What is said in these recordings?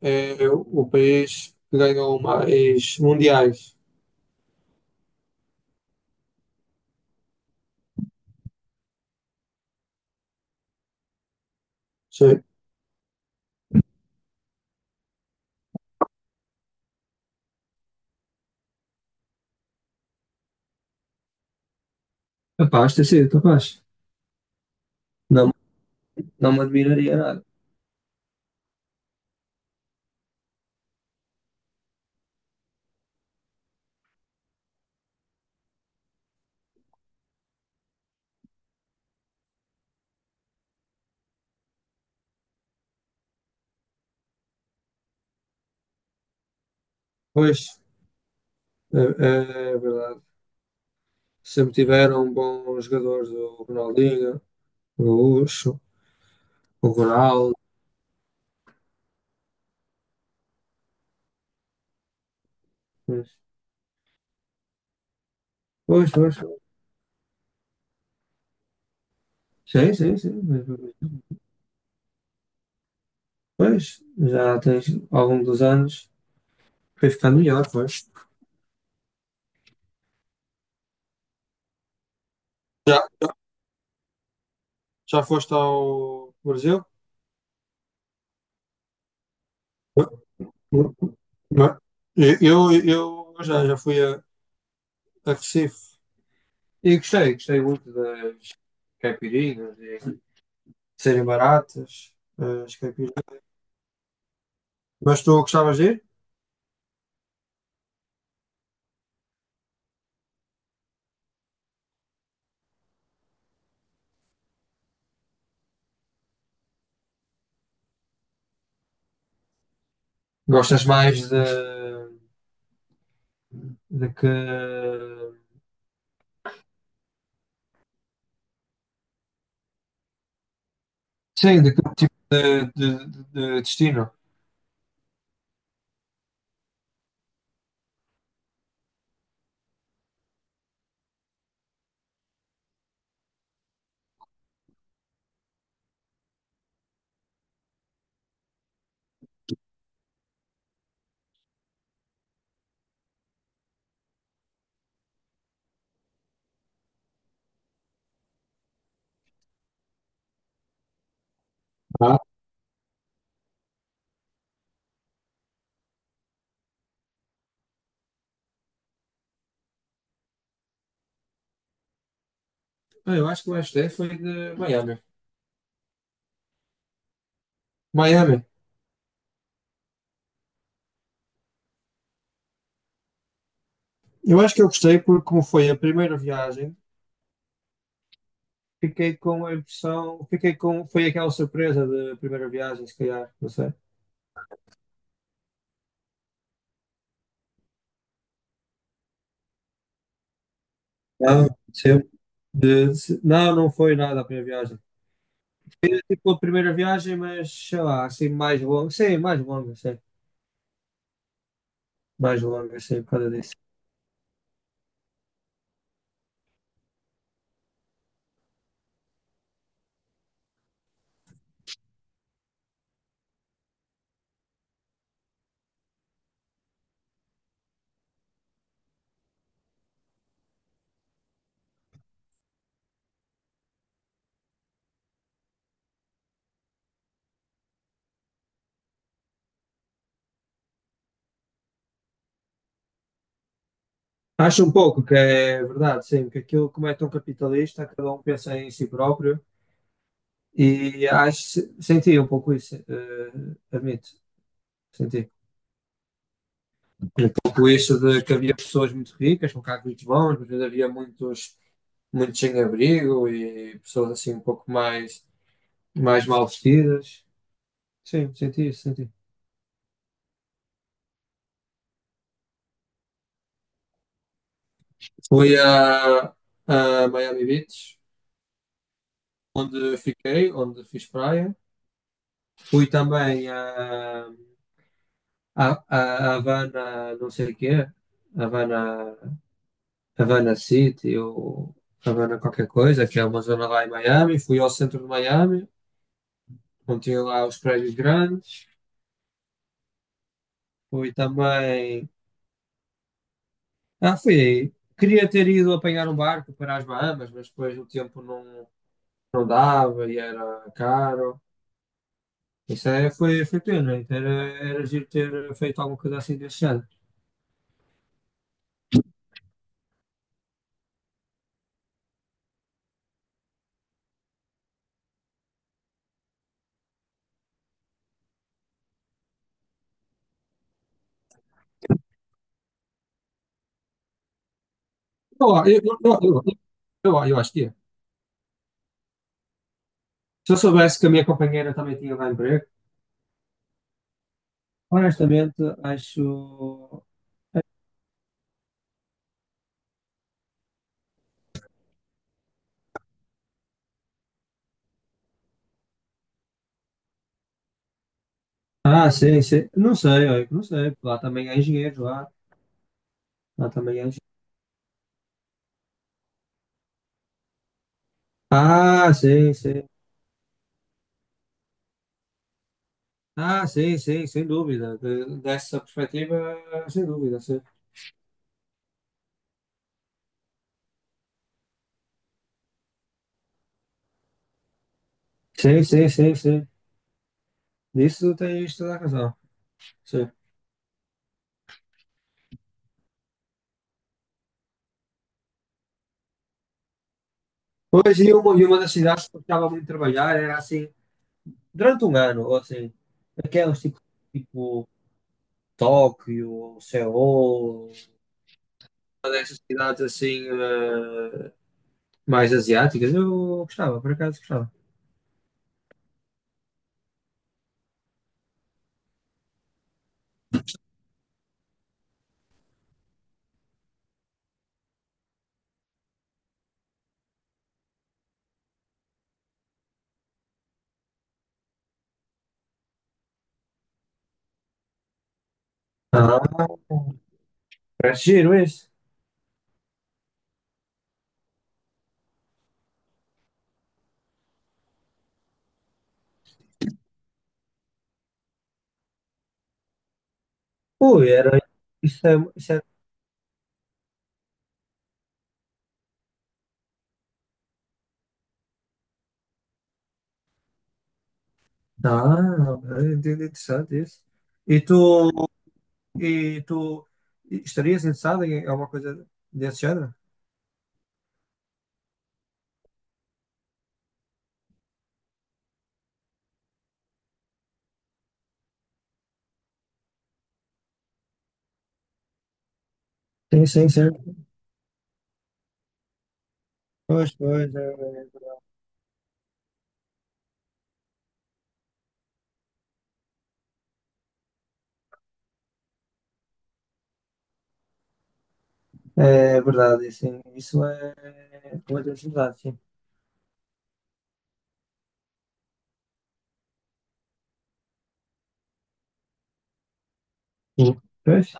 É o país que ganhou mais mundiais. Sim. Capaz de ter sido, capaz. Não, não me admiraria nada. Pois, é verdade. Sempre tiveram bons jogadores, o Ronaldinho, o Gaúcho, o Ronaldo. Pois, pois, pois. Sim, sim, sim. Pois, já tens, ao longo dos anos, foi ficando melhor, pois. Já, já foste ao Brasil? Não. Eu já fui a Recife. E gostei muito das caipirinhas e de serem baratas, as caipirinhas. Mas tu gostavas de ir? Gostas mais de que. Sim, de que tipo de destino? Ah, eu acho que mais gostei foi de Miami. Miami. Eu acho que eu gostei porque, como foi a primeira viagem, fiquei com a impressão. Fiquei com. Foi aquela surpresa da primeira viagem, se calhar, não sei. Não, sim. Não foi nada a primeira viagem. Tipo, a primeira viagem, mas sei lá, assim mais longa. Sim, mais longa, sim. Mais longa, sim, por causa disso. Acho um pouco que é verdade, sim, que aquilo, como é tão capitalista, cada um pensa em si próprio e acho, senti um pouco isso, admito, senti. Um pouco isso de que havia pessoas muito ricas, com carros muito bons, mas ainda havia muitos, muitos sem abrigo e pessoas assim um pouco mais mal vestidas. Sim, senti isso, senti. Fui a, Miami Beach, onde fiquei, onde fiz praia. Fui também a Havana, não sei o quê, Havana, Havana City ou Havana qualquer coisa, que é uma zona lá em Miami. Fui ao centro de Miami, onde tinha lá os prédios grandes. Fui também. Ah, fui aí. Queria ter ido apanhar um barco para as Bahamas, mas depois o tempo não dava e era caro. Isso foi pena. Então era giro ter feito alguma coisa assim desse ano. Ó, eu acho que ia. Se eu soubesse que a minha companheira também tinha lá emprego, honestamente, acho. Ah, sim, sim. Não sei, olha, não sei. Lá também há engenheiros, lá. Lá também há engenheiros. Ah, sim, sim. Ah, sim, sim, sem dúvida. Dessa perspectiva, sem dúvida, sim. Sim, sim, sim, sim. Nisso tens toda a razão. Sim. Pois, e uma das cidades que eu gostava muito de trabalhar era assim, durante um ano, ou assim, aquelas tipo, Tóquio, Seul, cidades assim mais asiáticas. Eu gostava, por acaso gostava. Ah, parece giro isso. Ui, era. Isso é. Ah, é interessante isso. E tu, e tu estarias interessado em alguma coisa desse género? Sim, sim, sim. Pois, pois, é verdade, sim. Isso é uma verdade, sim. Sim. Pois?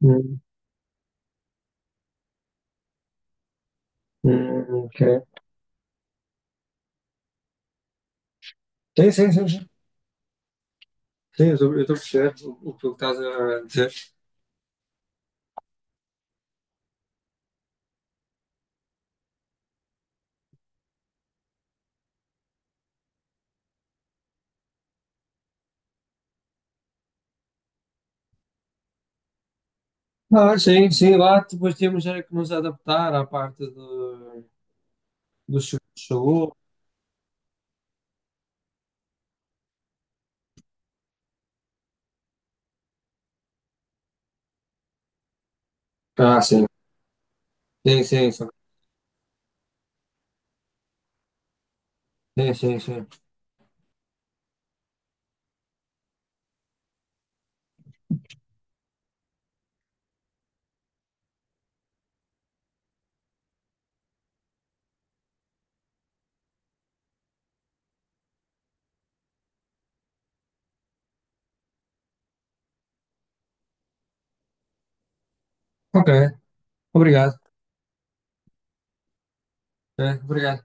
Hum, ok. Sim, sim, sim, sim. Sim, eu estou a perceber o que tu estás a dizer. Ah, sim, sim, lá depois temos era que nos adaptar à parte do seguro de saúde. Ah, sim. Sim, sim, sim, sim, sim. Sim. Ok, obrigado. É, obrigado.